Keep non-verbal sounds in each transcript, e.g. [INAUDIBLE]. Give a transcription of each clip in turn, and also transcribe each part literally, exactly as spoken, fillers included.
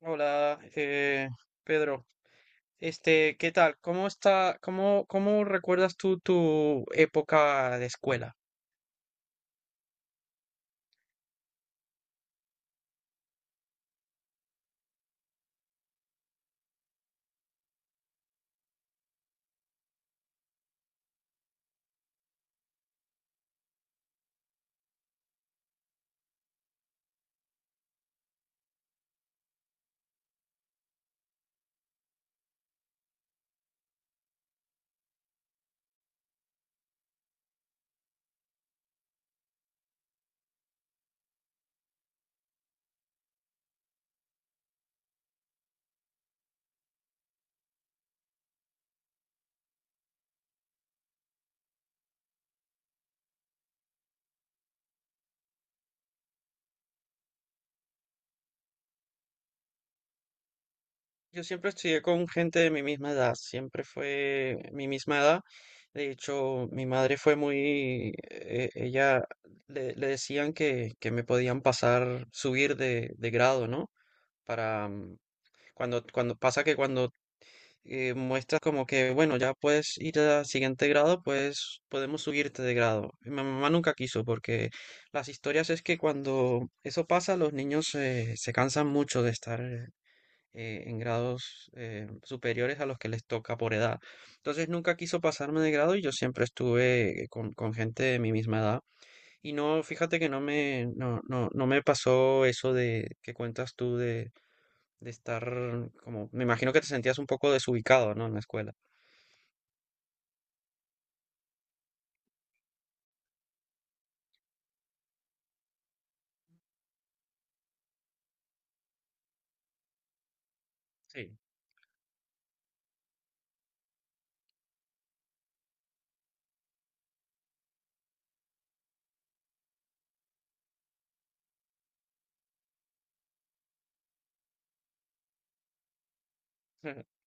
Hola, eh, Pedro. Este, ¿qué tal? ¿Cómo está, cómo, cómo recuerdas tú tu época de escuela? Yo siempre estudié con gente de mi misma edad, siempre fue mi misma edad. De hecho, mi madre fue muy, eh, ella le, le decían que, que me podían pasar, subir de, de grado, ¿no? Para mm, cuando, cuando pasa que cuando eh, muestras como que, bueno, ya puedes ir al siguiente grado, pues podemos subirte de grado. Y mi mamá nunca quiso porque las historias es que cuando eso pasa, los niños eh, se cansan mucho de estar eh, en grados eh, superiores a los que les toca por edad. Entonces nunca quiso pasarme de grado y yo siempre estuve eh, con, con gente de mi misma edad. Y no, fíjate que no me, no, no, no me pasó eso de que cuentas tú de, de estar como, me imagino que te sentías un poco desubicado, ¿no? En la escuela. Sí. [LAUGHS]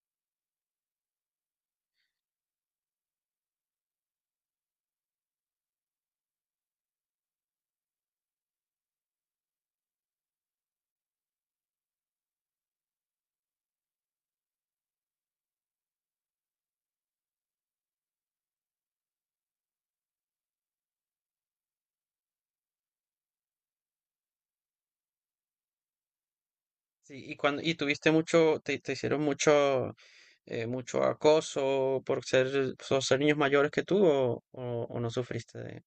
Sí, y cuando, y tuviste mucho, te, te hicieron mucho, eh, mucho acoso por ser, por ser niños mayores que tú o, o, o no sufriste de...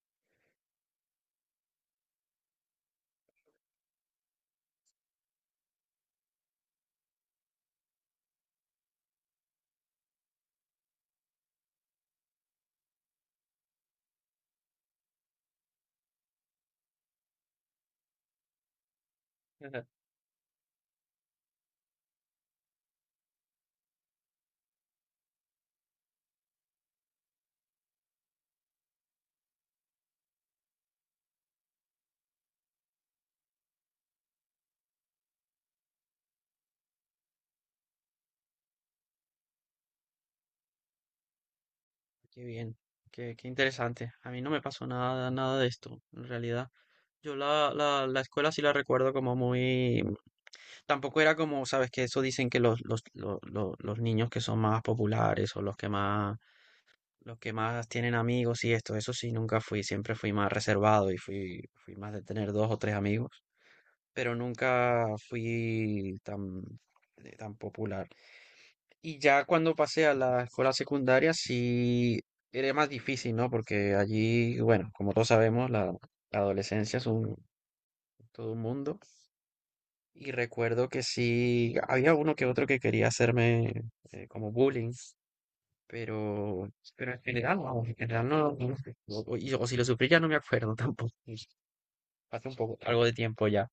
Ajá. [LAUGHS] Qué bien, qué, qué interesante. A mí no me pasó nada, nada de esto, en realidad. Yo la, la, la escuela sí la recuerdo como muy... Tampoco era como, sabes, que eso dicen que los, los, lo- lo- los niños que son más populares o los que más los que más tienen amigos y esto, eso sí, nunca fui, siempre fui más reservado y fui, fui más de tener dos o tres amigos, pero nunca fui tan, eh, tan popular. Y ya cuando pasé a la escuela secundaria sí era más difícil, ¿no? Porque allí, bueno, como todos sabemos, la, la adolescencia es un, todo un mundo. Y recuerdo que sí, había uno que otro que quería hacerme eh, como bullying. Pero, pero en general, vamos, en general no, no lo sé. O, o- y- o si lo sufrí ya no me acuerdo [LAUGHS] tampoco. Pues, hace un poco, algo de tiempo ya.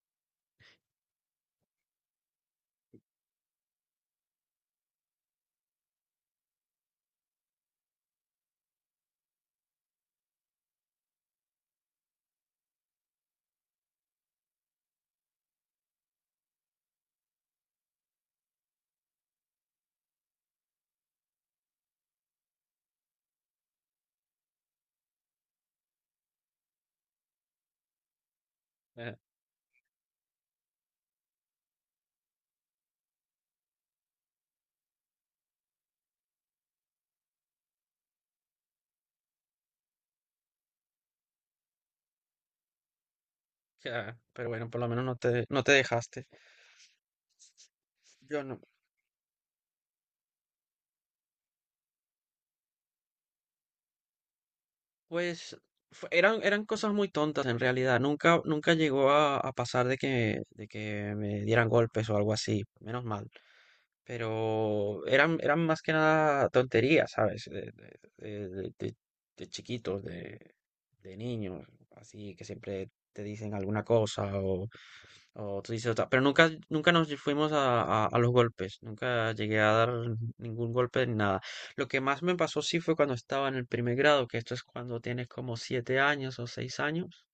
Eh, ya, pero bueno, por lo menos no te, no te dejaste. Yo no. Pues fue- eran, eran cosas muy tontas en realidad. Nunca, nunca llegó a, a pasar de que, de que me dieran golpes o algo así. Menos mal. Pero eran, eran más que nada tonterías, ¿sabes? De, de- de- de- de- chiquitos, de, de niños, así que siempre te dicen alguna cosa o, o tú dices otra. Pero nunca, nunca nos fuimos a, a- a los golpes, nunca llegué a dar ningún golpe ni nada. Lo que más me pasó sí fue cuando estaba en el primer grado, que esto es cuando tienes como siete años o seis años.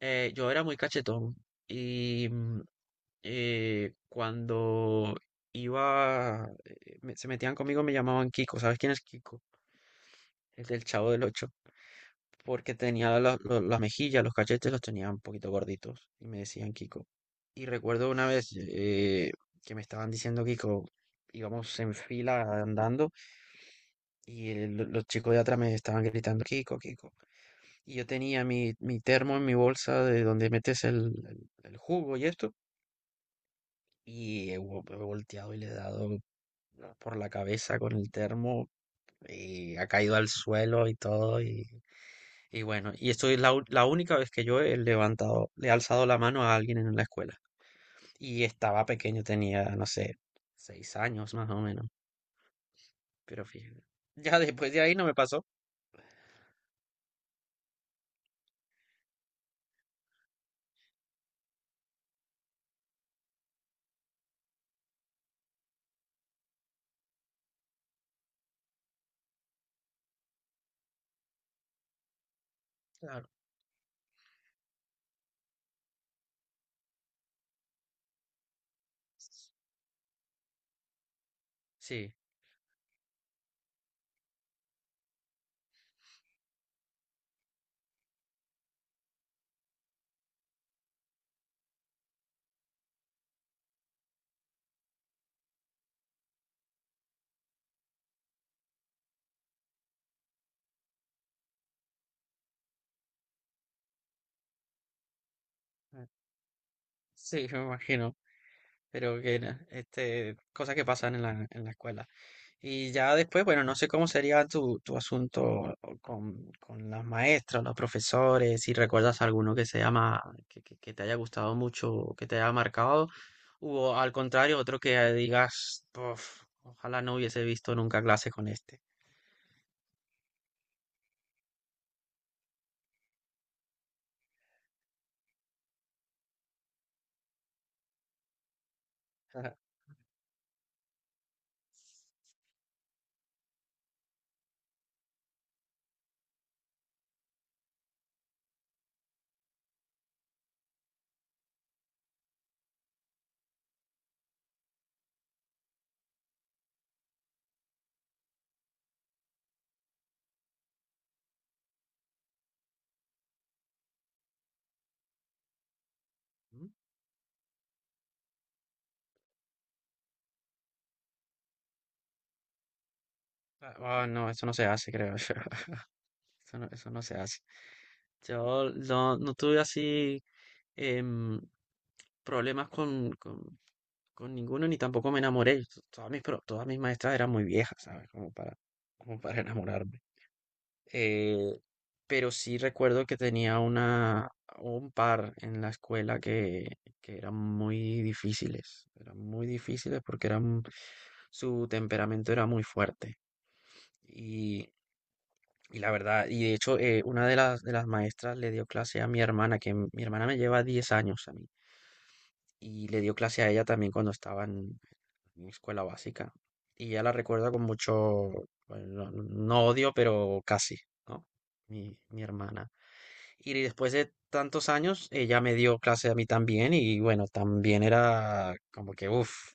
Eh, yo era muy cachetón y... mm, eh, cuando iba, eh, me- se metían conmigo, me llamaban Kiko. ¿Sabes quién es Kiko? El del Chavo del Ocho. Porque tenía la- lo- las mejillas, los cachetes los tenía un poquito gorditos y me decían Kiko. Y recuerdo una vez eh, que me estaban diciendo Kiko, íbamos en fila andando y el- los chicos de atrás me estaban gritando Kiko, Kiko. Y yo tenía mi, mi termo en mi bolsa de donde metes el, el- el jugo y esto. Y he, vo- he volteado y le he dado por la cabeza con el termo y ha caído al suelo y todo. Y, y bueno, y esto es la, u- la única vez que yo he levantado, le he alzado la mano a alguien en la escuela. Y estaba pequeño, tenía, no sé, seis años más o menos. Pero fíjate, ya después de ahí no me pasó. Claro. Sí, eh, sí, [LAUGHS] me imagino. Pero que, na- este, cosas que pasan en la, en la escuela. Y ya después, bueno, no sé cómo sería tu, tu asunto con, con las maestras, los profesores, si recuerdas alguno que se llama, que, que- que te haya gustado mucho, o que te haya marcado, o al contrario, otro que digas, "Puf, ojalá no hubiese visto nunca clase con este". [LAUGHS] ¿Mm? Ah, no, eso no se hace, creo yo. [LAUGHS] Eso no, eso no se hace. Yo no, no tuve así em, problemas con, con Con ninguno ni tampoco me enamoré. T- Todas mis, pro- todas mis maestras eran muy viejas, ¿sabes? Como para, como para enamorarme. Eh, pero sí recuerdo que tenía una, un par en la escuela que, que eran muy difíciles. Eran muy difíciles porque eran, su temperamento era muy fuerte. Y, y la verdad, y de hecho, eh, una de las, de las maestras le dio clase a mi hermana, que mi hermana me lleva diez años a mí. Y le dio clase a ella también cuando estaban mi escuela básica. Y ya la recuerdo con mucho, bueno, no, no odio, pero casi, ¿no? Mi, mi hermana. Y después de tantos años, ella me dio clase a mí también y bueno, también era como que, uff,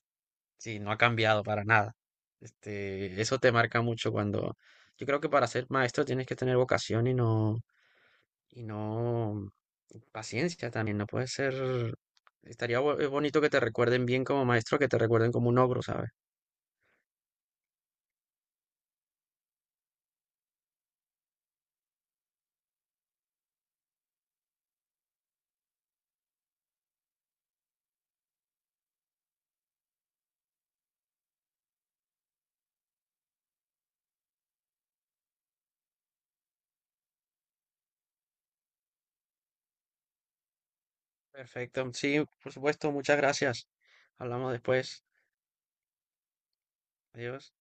sí, no ha cambiado para nada. Este, eso te marca mucho cuando... Yo creo que para ser maestro tienes que tener vocación y no, y no y paciencia también, no puede ser... Estaría bo- eh, bonito que te recuerden bien como maestro, que te recuerden como un ogro, ¿sabes? Perfecto. Sí, por supuesto. Muchas gracias. Hablamos después. Adiós.